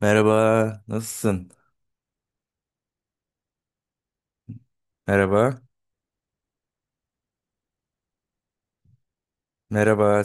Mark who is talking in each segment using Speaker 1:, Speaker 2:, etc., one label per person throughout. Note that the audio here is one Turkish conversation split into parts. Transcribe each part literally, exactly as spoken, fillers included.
Speaker 1: Merhaba, nasılsın? Merhaba, merhaba,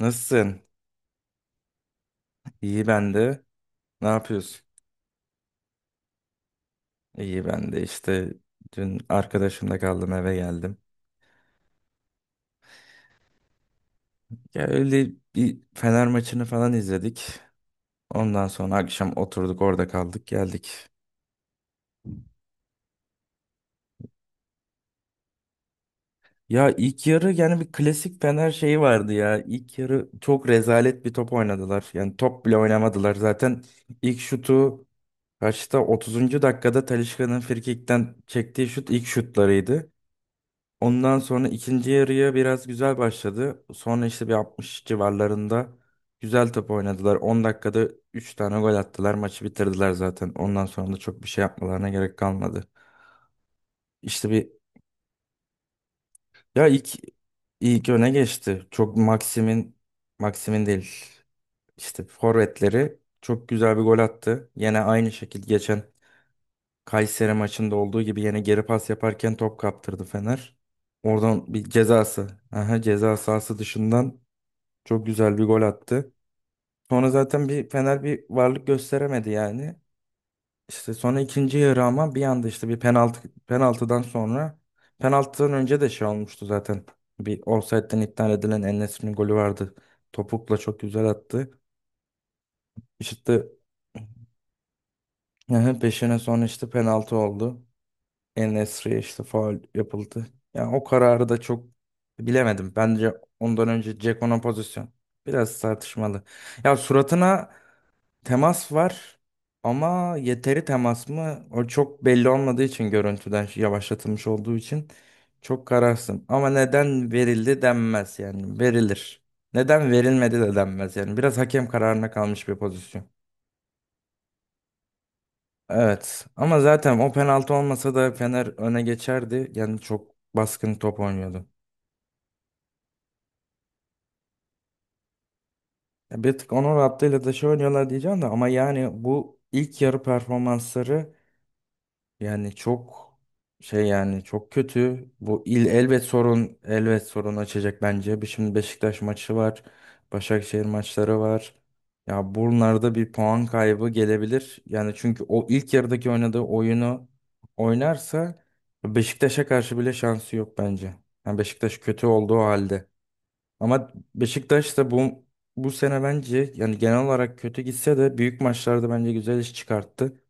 Speaker 1: nasılsın? İyi ben de. Ne yapıyorsun? İyi ben de işte dün arkadaşımla kaldım, eve geldim. Ya öyle bir Fener maçını falan izledik. Ondan sonra akşam oturduk, orada kaldık, geldik. Ya ilk yarı yani bir klasik Fener şeyi vardı ya. İlk yarı çok rezalet bir top oynadılar. Yani top bile oynamadılar. Zaten ilk şutu kaçta, otuzuncu dakikada Talisca'nın frikikten çektiği şut ilk şutlarıydı. Ondan sonra ikinci yarıya biraz güzel başladı. Sonra işte bir altmış civarlarında güzel top oynadılar. on dakikada üç tane gol attılar. Maçı bitirdiler zaten. Ondan sonra da çok bir şey yapmalarına gerek kalmadı. İşte bir Ya ilk ilk öne geçti. Çok Maxim'in, Maxim'in değil. İşte forvetleri çok güzel bir gol attı. Yine aynı şekilde geçen Kayseri maçında olduğu gibi yine geri pas yaparken top kaptırdı Fener. Oradan bir cezası. Aha, ceza sahası dışından çok güzel bir gol attı. Sonra zaten bir Fener bir varlık gösteremedi yani. İşte sonra ikinci yarı, ama bir anda işte bir penaltı, penaltıdan sonra, penaltıdan önce de şey olmuştu zaten. Bir ofsaytten iptal edilen En-Nesyri'nin golü vardı. Topukla çok güzel attı. İşte yani peşine sonra işte penaltı oldu. En-Nesyri'ye işte faul yapıldı. Yani o kararı da çok bilemedim. Bence ondan önce Ceko'nun pozisyon biraz tartışmalı. Ya, suratına temas var ama yeteri temas mı? O çok belli olmadığı için, görüntüden yavaşlatılmış olduğu için çok kararsın. Ama neden verildi denmez yani, verilir. Neden verilmedi de denmez yani, biraz hakem kararına kalmış bir pozisyon. Evet, ama zaten o penaltı olmasa da Fener öne geçerdi. Yani çok baskın top oynuyordu. Ya bir tık onun rahatlığıyla da şey oynuyorlar diyeceğim de, ama yani bu ilk yarı performansları, yani çok şey, yani çok kötü. Bu il elbet sorun elbet sorun açacak bence. Bir şimdi Beşiktaş maçı var. Başakşehir maçları var. Ya bunlarda bir puan kaybı gelebilir. Yani çünkü o ilk yarıdaki oynadığı oyunu oynarsa Beşiktaş'a karşı bile şansı yok bence. Yani Beşiktaş kötü olduğu halde. Ama Beşiktaş da bu bu sene bence yani genel olarak kötü gitse de büyük maçlarda bence güzel iş çıkarttı.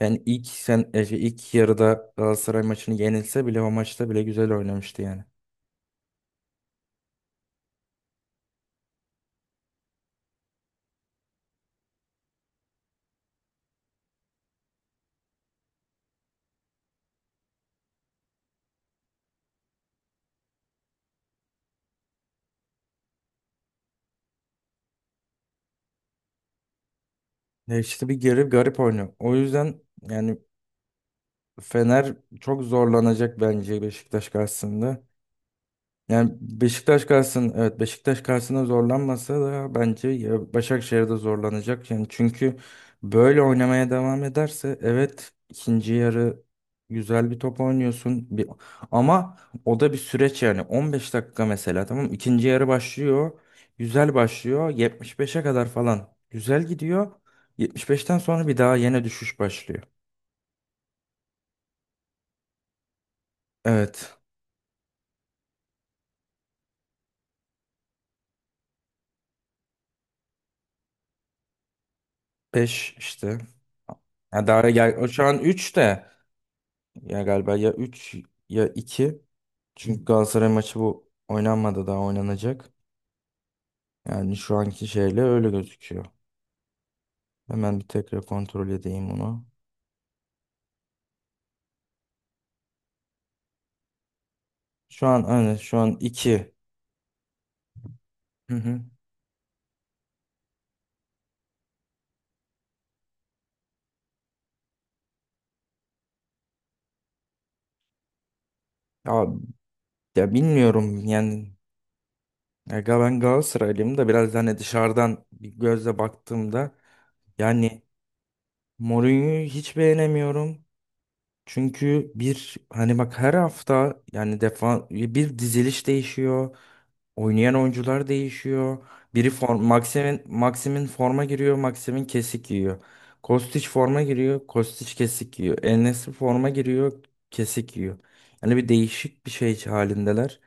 Speaker 1: Yani ilk sen e, şey, ilk yarıda Galatasaray maçını yenilse bile o maçta bile güzel oynamıştı yani. E işte bir garip garip oynuyor. O yüzden yani Fener çok zorlanacak bence Beşiktaş karşısında. Yani Beşiktaş karşısında, evet, Beşiktaş karşısında zorlanmasa da bence ya Başakşehir'de zorlanacak. Yani çünkü böyle oynamaya devam ederse, evet, ikinci yarı güzel bir top oynuyorsun bir, ama o da bir süreç yani. On beş dakika mesela, tamam mı? İkinci yarı başlıyor, güzel başlıyor, yetmiş beşe kadar falan güzel gidiyor. Yetmiş beşten sonra bir daha yine düşüş başlıyor. Evet, beş işte. Ya daha gel, o şu an üç de. Ya galiba ya üç, ya iki. Çünkü Galatasaray maçı bu oynanmadı, daha oynanacak. Yani şu anki şeyle öyle gözüküyor. Hemen bir tekrar kontrol edeyim onu. Şu an hani şu an iki. Hı hı. Ya, ya bilmiyorum yani. Ya, ga- ben Galatasaraylıyım da biraz, hani, dışarıdan bir gözle baktığımda yani Mourinho'yu hiç beğenemiyorum. Çünkü bir, hani, bak, her hafta yani defa bir diziliş değişiyor. Oynayan oyuncular değişiyor. Biri form Maxim'in Maxim'in forma giriyor, Maxim'in kesik yiyor. Kostić forma giriyor, Kostić kesik yiyor. En forma giriyor, kesik yiyor. Yani bir değişik bir şey halindeler.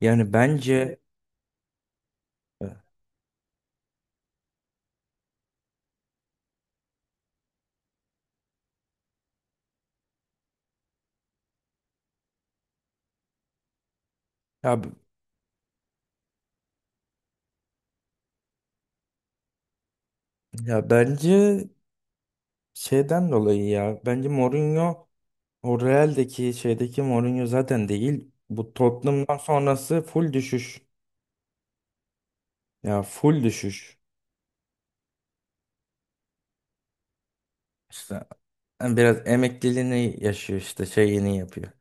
Speaker 1: Yani bence e, ya, ya bence şeyden dolayı ya. Bence Mourinho, o Real'deki şeydeki Mourinho zaten değil. Bu Tottenham'dan sonrası full düşüş. Ya full düşüş. İşte yani biraz emekliliğini yaşıyor işte, şeyini yapıyor.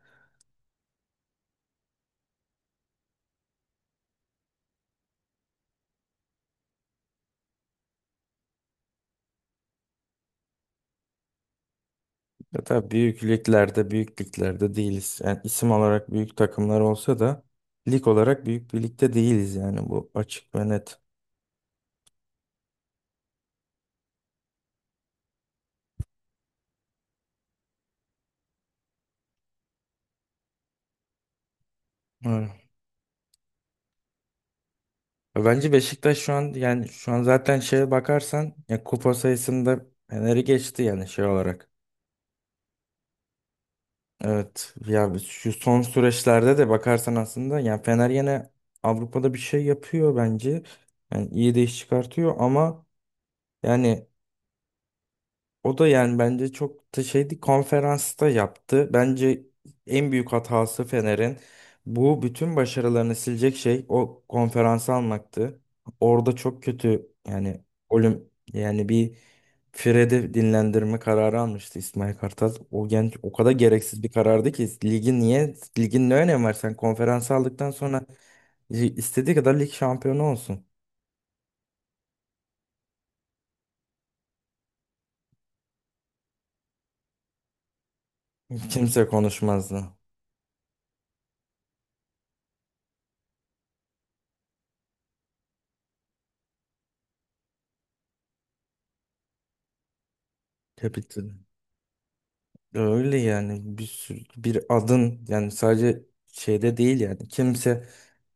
Speaker 1: Ya tabii büyük liglerde büyük liglerde değiliz. Yani isim olarak büyük takımlar olsa da, lig olarak büyük bir ligde değiliz yani, bu açık ve net. Evet. Ya bence Beşiktaş şu an, yani şu an zaten şeye bakarsan ya kupa sayısında Fener'i geçti yani, şey olarak. Evet, ya biz şu son süreçlerde de bakarsan aslında yani Fener yine Avrupa'da bir şey yapıyor bence. Yani iyi de iş çıkartıyor, ama yani o da yani bence çok da şeydi, konferansta yaptı. Bence en büyük hatası Fener'in, bu bütün başarılarını silecek şey, o konferansı almaktı. Orada çok kötü yani, ölüm yani. Bir Fred'i dinlendirme kararı almıştı İsmail Kartal. O genç o kadar gereksiz bir karardı ki, ligin niye ligin ne önemi var sen konferansı aldıktan sonra, istediği kadar lig şampiyonu olsun. Kimse konuşmazdı. Kapitan. Öyle yani, bir sürü bir adın yani, sadece şeyde değil yani, kimse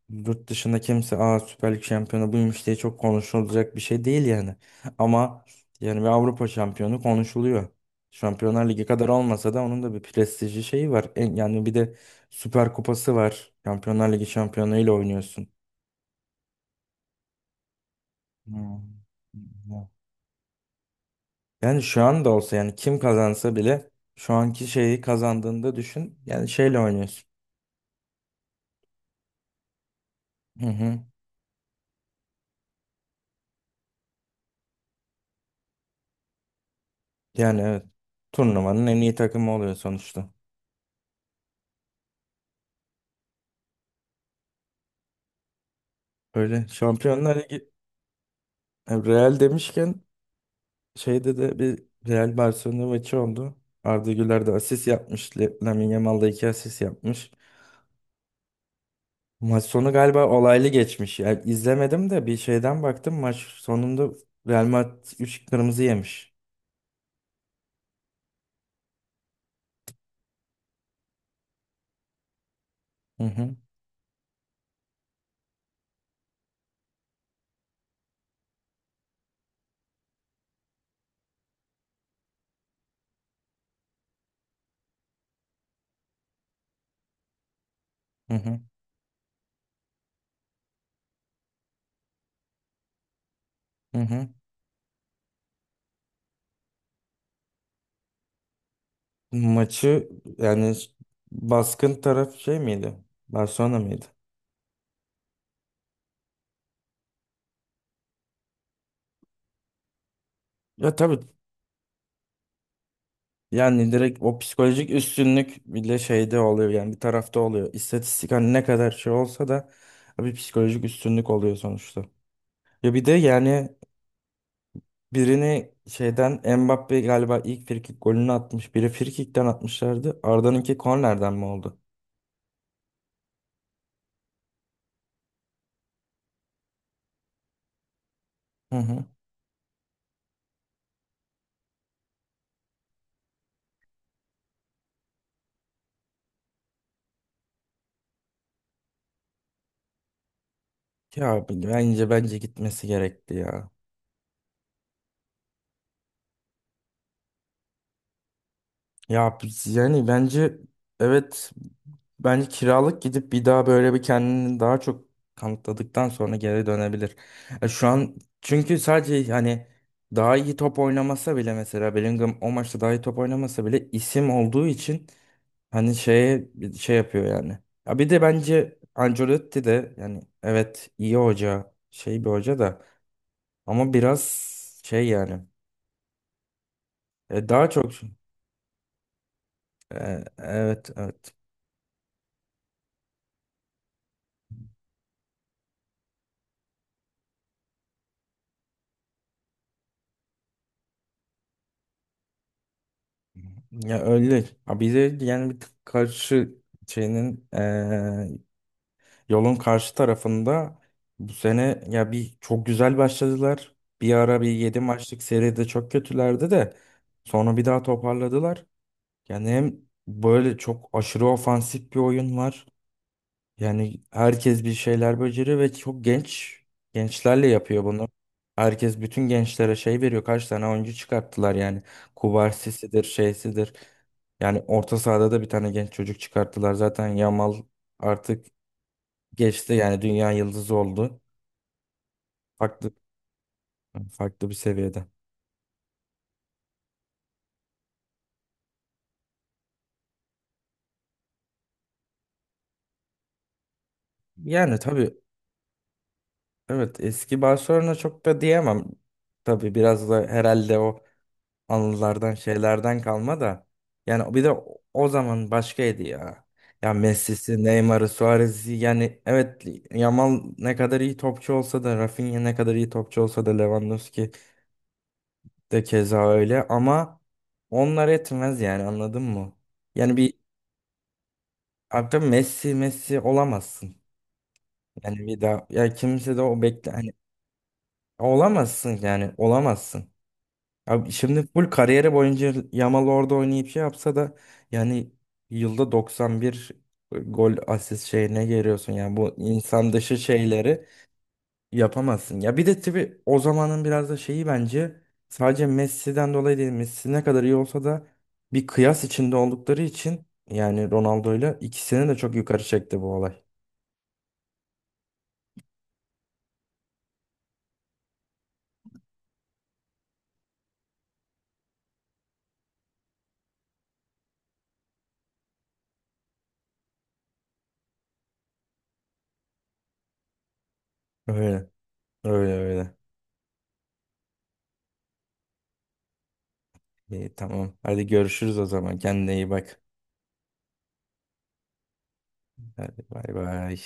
Speaker 1: yurt dışında, kimse aa "Süper Lig şampiyonu buymuş" diye çok konuşulacak bir şey değil yani. Ama yani bir Avrupa şampiyonu konuşuluyor. Şampiyonlar Ligi kadar olmasa da onun da bir prestijli şeyi var. En- Yani bir de Süper Kupası var. Şampiyonlar Ligi şampiyonuyla oynuyorsun. Hmm. Ya. Yani şu anda olsa yani, kim kazansa bile şu anki şeyi kazandığında düşün yani, şeyle oynuyorsun. Hı hı. Yani evet. Turnuvanın en iyi takımı oluyor sonuçta. Öyle Şampiyonlar Ligi Yani Real demişken, şeyde de bir Real Barcelona maçı oldu. Arda Güler de asist yapmış. Le- Lamine Yamal da iki asist yapmış. Maç sonu galiba olaylı geçmiş. Yani izlemedim de bir şeyden baktım. Maç sonunda Real Madrid üç kırmızı yemiş. Hı hı, hı hı, hı. Hı. Maçı Yani baskın taraf şey miydi? Barcelona mıydı? Ya tabii. Yani direkt o psikolojik üstünlük bile şeyde oluyor yani, bir tarafta oluyor. İstatistik, hani, ne kadar şey olsa da bir psikolojik üstünlük oluyor sonuçta. Ya bir de yani birini şeyden, Mbappe galiba ilk frikik golünü atmış. Biri frikikten atmışlardı. Arda'nınki kornerden mi oldu? Hı hı. Ya bence bence gitmesi gerekti ya. Ya, biz- yani bence, evet. Bence kiralık gidip bir daha, böyle bir kendini daha çok kanıtladıktan sonra geri dönebilir. E, şu an çünkü, sadece hani, daha iyi top oynamasa bile mesela, Bellingham o maçta daha iyi top oynamasa bile isim olduğu için, hani, şeye şey yapıyor yani. Ya bir de bence Ancelotti de yani, evet, iyi hoca, şey bir hoca da ama biraz şey yani, e, daha çok e, evet, evet. Ya öyle. Ha, bir de yani bir tık karşı şeyinin eee, yolun karşı tarafında bu sene ya bir çok güzel başladılar. Bir ara bir yedi maçlık seride çok kötülerdi de sonra bir daha toparladılar. Yani hem böyle çok aşırı ofansif bir oyun var. Yani herkes bir şeyler beceriyor ve çok genç, gençlerle yapıyor bunu. Herkes bütün gençlere şey veriyor. Kaç tane oyuncu çıkarttılar yani. Kubarsisidir, şeysidir. Yani orta sahada da bir tane genç çocuk çıkarttılar. Zaten Yamal artık geçti yani, dünya yıldızı oldu. Farklı, farklı bir seviyede. Yani tabii, evet, eski Barcelona çok da diyemem. Tabii biraz da herhalde o anılardan, şeylerden kalma da. Yani bir de o o zaman başkaydı ya. Ya Messi'si, Neymar'ı, Suarez'i yani, evet, Yamal ne kadar iyi topçu olsa da, Rafinha ne kadar iyi topçu olsa da, Lewandowski de keza öyle, ama onlar etmez yani, anladın mı? Yani bir artık Messi Messi olamazsın. Yani bir daha ya kimse de o, bekle, hani olamazsın yani, olamazsın. Abi şimdi full kariyeri boyunca Yamal orada oynayıp şey yapsa da yani, yılda doksan bir gol asist şeyine geliyorsun. Yani bu insan dışı şeyleri yapamazsın. Ya bir de tabii o zamanın biraz da şeyi bence, sadece Messi'den dolayı değil. Messi ne kadar iyi olsa da bir kıyas içinde oldukları için yani Ronaldo'yla ikisini de çok yukarı çekti bu olay. Öyle, öyle, öyle. İyi, tamam. Hadi görüşürüz o zaman. Kendine iyi bak. Hadi, bay bay.